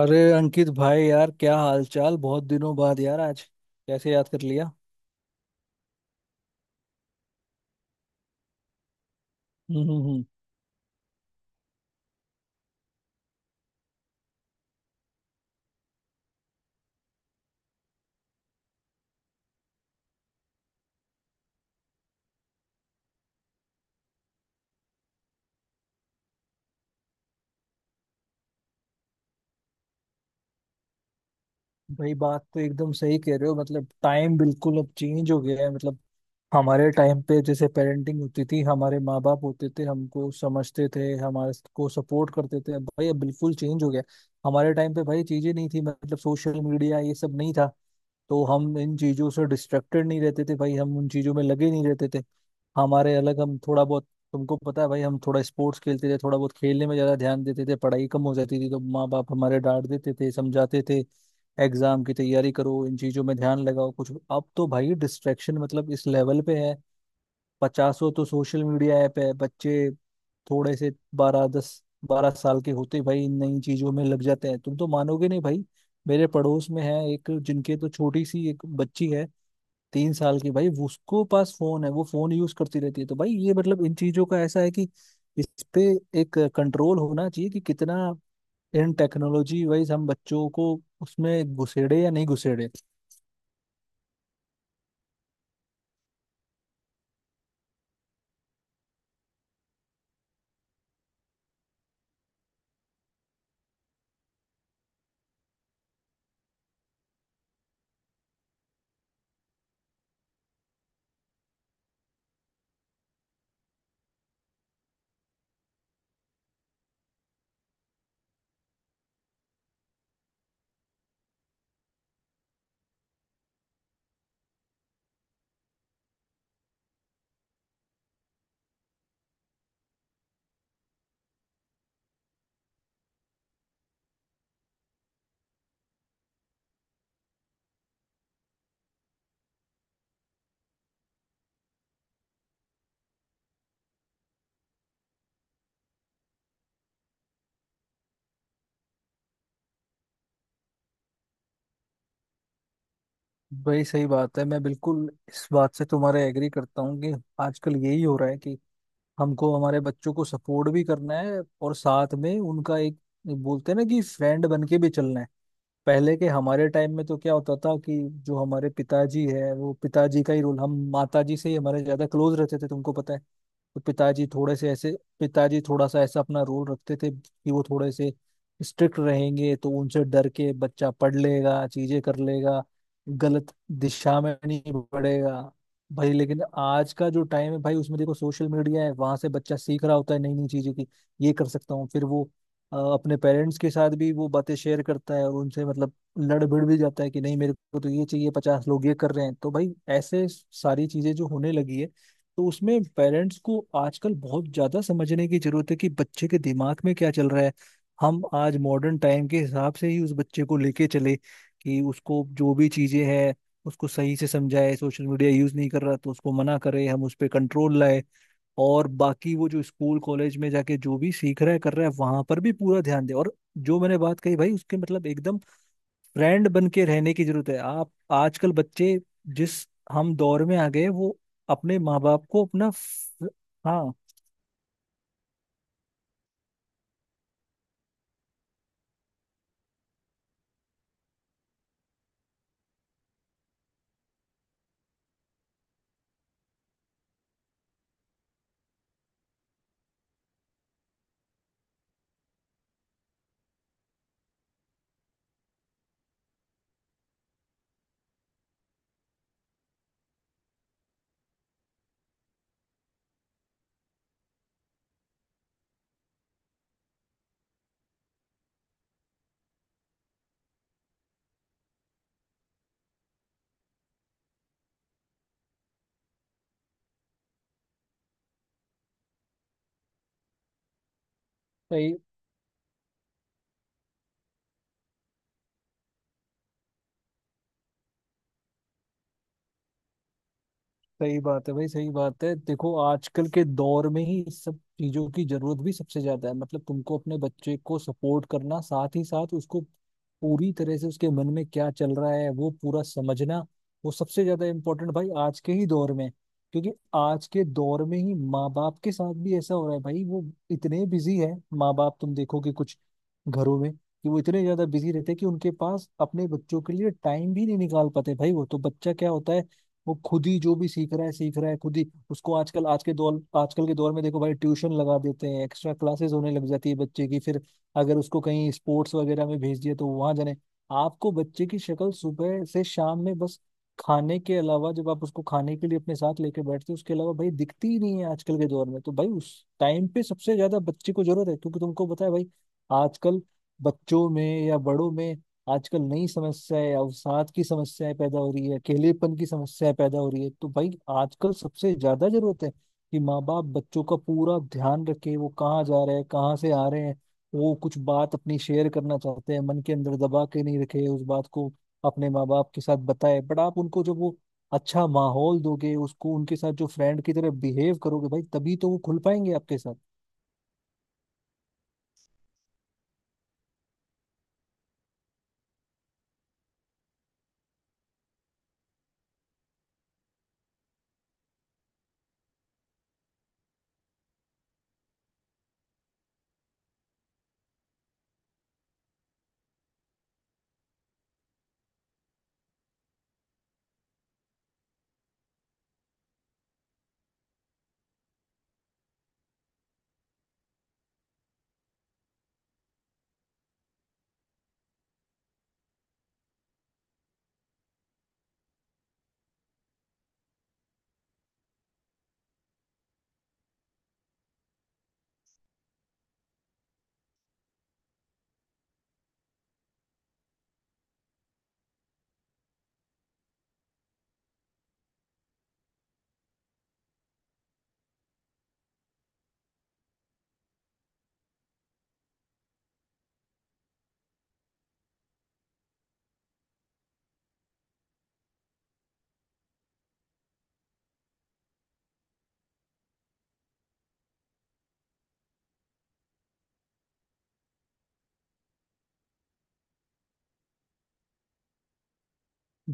अरे अंकित भाई, यार क्या हालचाल? बहुत दिनों बाद, यार आज कैसे याद कर लिया? हम्म हम्म हम्म। भाई बात तो एकदम सही कह रहे हो। मतलब टाइम बिल्कुल अब चेंज हो गया है। मतलब हमारे टाइम पे जैसे पेरेंटिंग होती थी, हमारे माँ बाप होते थे, हमको समझते थे, हमारे को सपोर्ट करते थे। अब भाई अब बिल्कुल चेंज हो गया। हमारे टाइम पे भाई चीजें नहीं थी, मतलब सोशल मीडिया ये सब नहीं था, तो हम इन चीजों से डिस्ट्रैक्टेड नहीं रहते थे। भाई हम उन चीजों में लगे नहीं रहते थे। हमारे अलग हम थोड़ा बहुत, तुमको पता है भाई, हम थोड़ा स्पोर्ट्स खेलते थे, थोड़ा बहुत खेलने में ज्यादा ध्यान देते थे। पढ़ाई कम हो जाती थी तो माँ बाप हमारे डांट देते थे, समझाते थे एग्जाम की तैयारी करो, इन चीजों में ध्यान लगाओ कुछ। अब तो भाई डिस्ट्रैक्शन मतलब इस लेवल पे है, पचासों तो सोशल मीडिया ऐप है। बच्चे थोड़े से बारह 10-12 साल के होते ही भाई इन नई चीजों में लग जाते हैं। तुम तो मानोगे नहीं भाई, मेरे पड़ोस में है एक, जिनके तो छोटी सी एक बच्ची है, 3 साल की। भाई उसको पास फोन है, वो फोन यूज करती रहती है। तो भाई ये मतलब इन चीजों का ऐसा है कि इस पे एक कंट्रोल होना चाहिए कि कितना इन टेक्नोलॉजी वाइज हम बच्चों को उसमें घुसेड़े या नहीं घुसेड़े। भाई सही बात है। मैं बिल्कुल इस बात से तुम्हारे एग्री करता हूँ कि आजकल यही हो रहा है कि हमको हमारे बच्चों को सपोर्ट भी करना है, और साथ में उनका एक, बोलते हैं ना कि फ्रेंड बन के भी चलना है। पहले के हमारे टाइम में तो क्या होता था कि जो हमारे पिताजी है, वो पिताजी का ही रोल, हम माताजी से ही हमारे ज्यादा क्लोज रहते थे। तुमको पता है तो पिताजी थोड़े से ऐसे, पिताजी थोड़ा सा ऐसा अपना रोल रखते थे कि वो थोड़े से स्ट्रिक्ट रहेंगे तो उनसे डर के बच्चा पढ़ लेगा, चीजें कर लेगा, गलत दिशा में नहीं बढ़ेगा। भाई लेकिन आज का जो टाइम है भाई उसमें देखो, सोशल मीडिया है, वहां से बच्चा सीख रहा होता है नई नई चीजें की ये कर सकता हूँ, फिर वो अपने पेरेंट्स के साथ भी वो बातें शेयर करता है, और उनसे मतलब लड़ भिड़ भी जाता है कि नहीं मेरे को तो ये चाहिए, 50 लोग ये कर रहे हैं। तो भाई ऐसे सारी चीजें जो होने लगी है, तो उसमें पेरेंट्स को आजकल बहुत ज्यादा समझने की जरूरत है कि बच्चे के दिमाग में क्या चल रहा है। हम आज मॉडर्न टाइम के हिसाब से ही उस बच्चे को लेके चले कि उसको जो भी चीजें हैं उसको सही से समझाए। सोशल मीडिया यूज नहीं कर रहा तो उसको मना करें, हम उस पर कंट्रोल लाए। और बाकी वो जो स्कूल कॉलेज में जाके जो भी सीख रहा है कर रहा है वहां पर भी पूरा ध्यान दे। और जो मैंने बात कही भाई उसके मतलब एकदम फ्रेंड बन के रहने की जरूरत है। आप आजकल बच्चे जिस हम दौर में आ गए वो अपने माँ बाप को अपना हाँ सही। सही बात है भाई, सही बात है। देखो आजकल के दौर में ही इस सब चीजों की जरूरत भी सबसे ज्यादा है। मतलब तुमको अपने बच्चे को सपोर्ट करना, साथ ही साथ उसको पूरी तरह से उसके मन में क्या चल रहा है वो पूरा समझना, वो सबसे ज्यादा इम्पोर्टेंट भाई आज के ही दौर में। क्योंकि आज के दौर में ही माँ बाप के साथ भी ऐसा हो रहा है भाई, वो इतने बिजी है माँ बाप। तुम देखो कि कुछ घरों में कि वो इतने ज्यादा बिजी रहते हैं कि उनके पास अपने बच्चों के लिए टाइम भी नहीं निकाल पाते। भाई वो तो बच्चा क्या होता है, वो खुद ही जो भी सीख रहा है खुद ही। उसको आजकल के दौर में देखो भाई ट्यूशन लगा देते हैं, एक्स्ट्रा क्लासेस होने लग जाती है बच्चे की। फिर अगर उसको कहीं स्पोर्ट्स वगैरह में भेज दिया तो वहां जाने, आपको बच्चे की शक्ल सुबह से शाम में बस खाने के अलावा, जब आप उसको खाने के लिए अपने साथ लेके बैठते हो उसके अलावा भाई दिखती ही नहीं है आजकल के दौर में। तो भाई उस टाइम पे सबसे ज्यादा बच्चे को जरूरत है, क्योंकि तुमको पता है भाई आजकल बच्चों में या बड़ों में, आजकल नई समस्याएं, अवसाद की समस्याएं पैदा हो रही है, अकेलेपन की समस्याएं पैदा हो रही है। तो भाई आजकल सबसे ज्यादा जरूरत है कि माँ बाप बच्चों का पूरा ध्यान रखे, वो कहाँ जा रहे हैं, कहाँ से आ रहे हैं। वो कुछ बात अपनी शेयर करना चाहते हैं, मन के अंदर दबा के नहीं रखे उस बात को, अपने माँ बाप के साथ बताए। बट आप उनको जब वो अच्छा माहौल दोगे, उसको उनके साथ जो फ्रेंड की तरह बिहेव करोगे भाई, तभी तो वो खुल पाएंगे आपके साथ।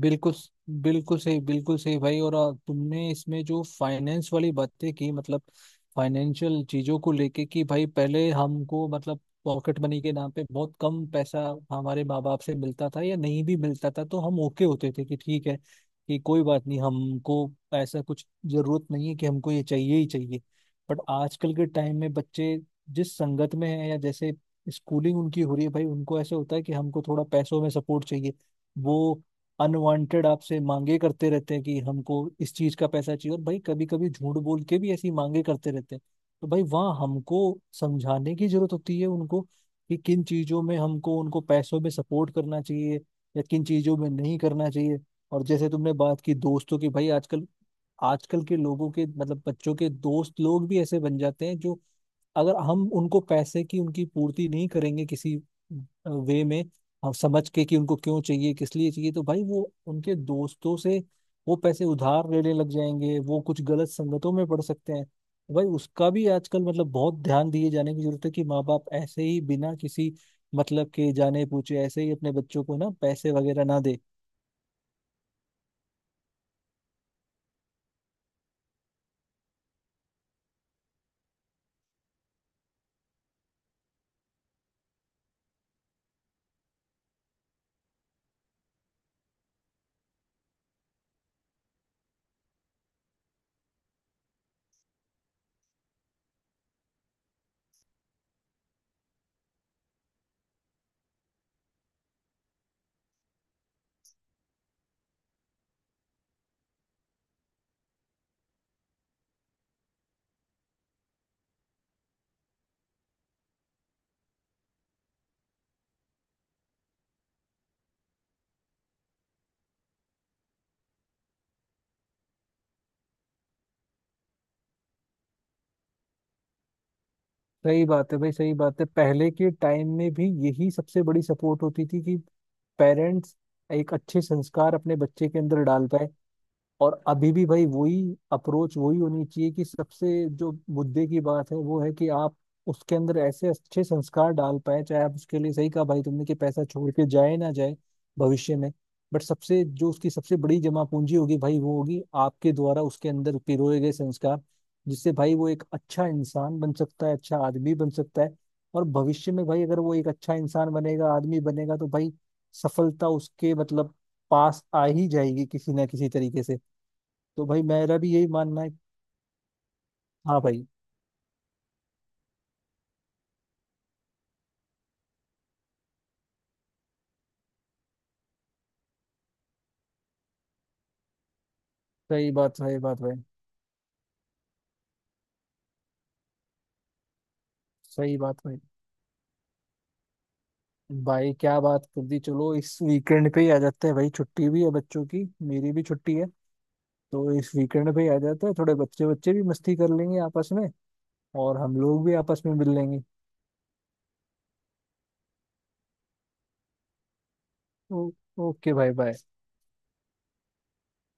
बिल्कुल, बिल्कुल सही, बिल्कुल सही भाई। और तुमने इसमें जो फाइनेंस वाली बातें की, मतलब फाइनेंशियल चीजों को लेके कि भाई पहले हमको मतलब पॉकेट मनी के नाम पे बहुत कम पैसा हमारे माँ बाप से मिलता था, या नहीं भी मिलता था, तो हम ओके होते थे कि ठीक है, कि कोई बात नहीं, हमको ऐसा कुछ जरूरत नहीं है कि हमको ये चाहिए ही चाहिए। बट आजकल के टाइम में बच्चे जिस संगत में है, या जैसे स्कूलिंग उनकी हो रही है भाई, उनको ऐसे होता है कि हमको थोड़ा पैसों में सपोर्ट चाहिए। वो अनवांटेड आपसे मांगे करते रहते हैं कि हमको इस चीज का पैसा चाहिए, और भाई कभी कभी झूठ बोल के भी ऐसी मांगे करते रहते हैं। तो भाई वहाँ हमको समझाने की जरूरत होती है उनको कि किन चीजों में हमको उनको पैसों में सपोर्ट करना चाहिए, या किन चीजों में नहीं करना चाहिए। और जैसे तुमने बात की दोस्तों की भाई, आजकल आजकल के लोगों के मतलब बच्चों के दोस्त लोग भी ऐसे बन जाते हैं जो, अगर हम उनको पैसे की उनकी पूर्ति नहीं करेंगे किसी वे में, अब समझ के कि उनको क्यों चाहिए, किस लिए चाहिए, तो भाई वो उनके दोस्तों से वो पैसे उधार लेने लग जाएंगे, वो कुछ गलत संगतों में पड़ सकते हैं। तो भाई उसका भी आजकल मतलब बहुत ध्यान दिए जाने की जरूरत है कि माँ बाप ऐसे ही बिना किसी मतलब के जाने पूछे ऐसे ही अपने बच्चों को ना पैसे वगैरह ना दे। सही बात है भाई, सही बात है। पहले के टाइम में भी यही सबसे बड़ी सपोर्ट होती थी कि पेरेंट्स एक अच्छे संस्कार अपने बच्चे के अंदर डाल पाए। और अभी भी भाई वही अप्रोच वही होनी चाहिए कि सबसे जो मुद्दे की बात है वो है कि आप उसके अंदर ऐसे अच्छे संस्कार डाल पाए, चाहे आप उसके लिए। सही कहा भाई तुमने कि पैसा छोड़ के जाए ना जाए भविष्य में, बट सबसे जो उसकी सबसे बड़ी जमा पूंजी होगी भाई, वो होगी आपके द्वारा उसके अंदर पिरोए गए संस्कार, जिससे भाई वो एक अच्छा इंसान बन सकता है, अच्छा आदमी बन सकता है। और भविष्य में भाई अगर वो एक अच्छा इंसान बनेगा, आदमी बनेगा, तो भाई सफलता उसके मतलब पास आ ही जाएगी किसी ना किसी तरीके से। तो भाई मेरा भी यही मानना है। हाँ भाई, सही बात भाई, सही बात भाई। भाई क्या बात कर दी! चलो इस वीकेंड पे ही आ जाते हैं भाई, छुट्टी भी है बच्चों की, मेरी भी छुट्टी है। तो इस वीकेंड पे ही आ जाते हैं, थोड़े बच्चे बच्चे भी मस्ती कर लेंगे आपस में, और हम लोग भी आपस में मिल लेंगे। ओ, ओके भाई, बाय।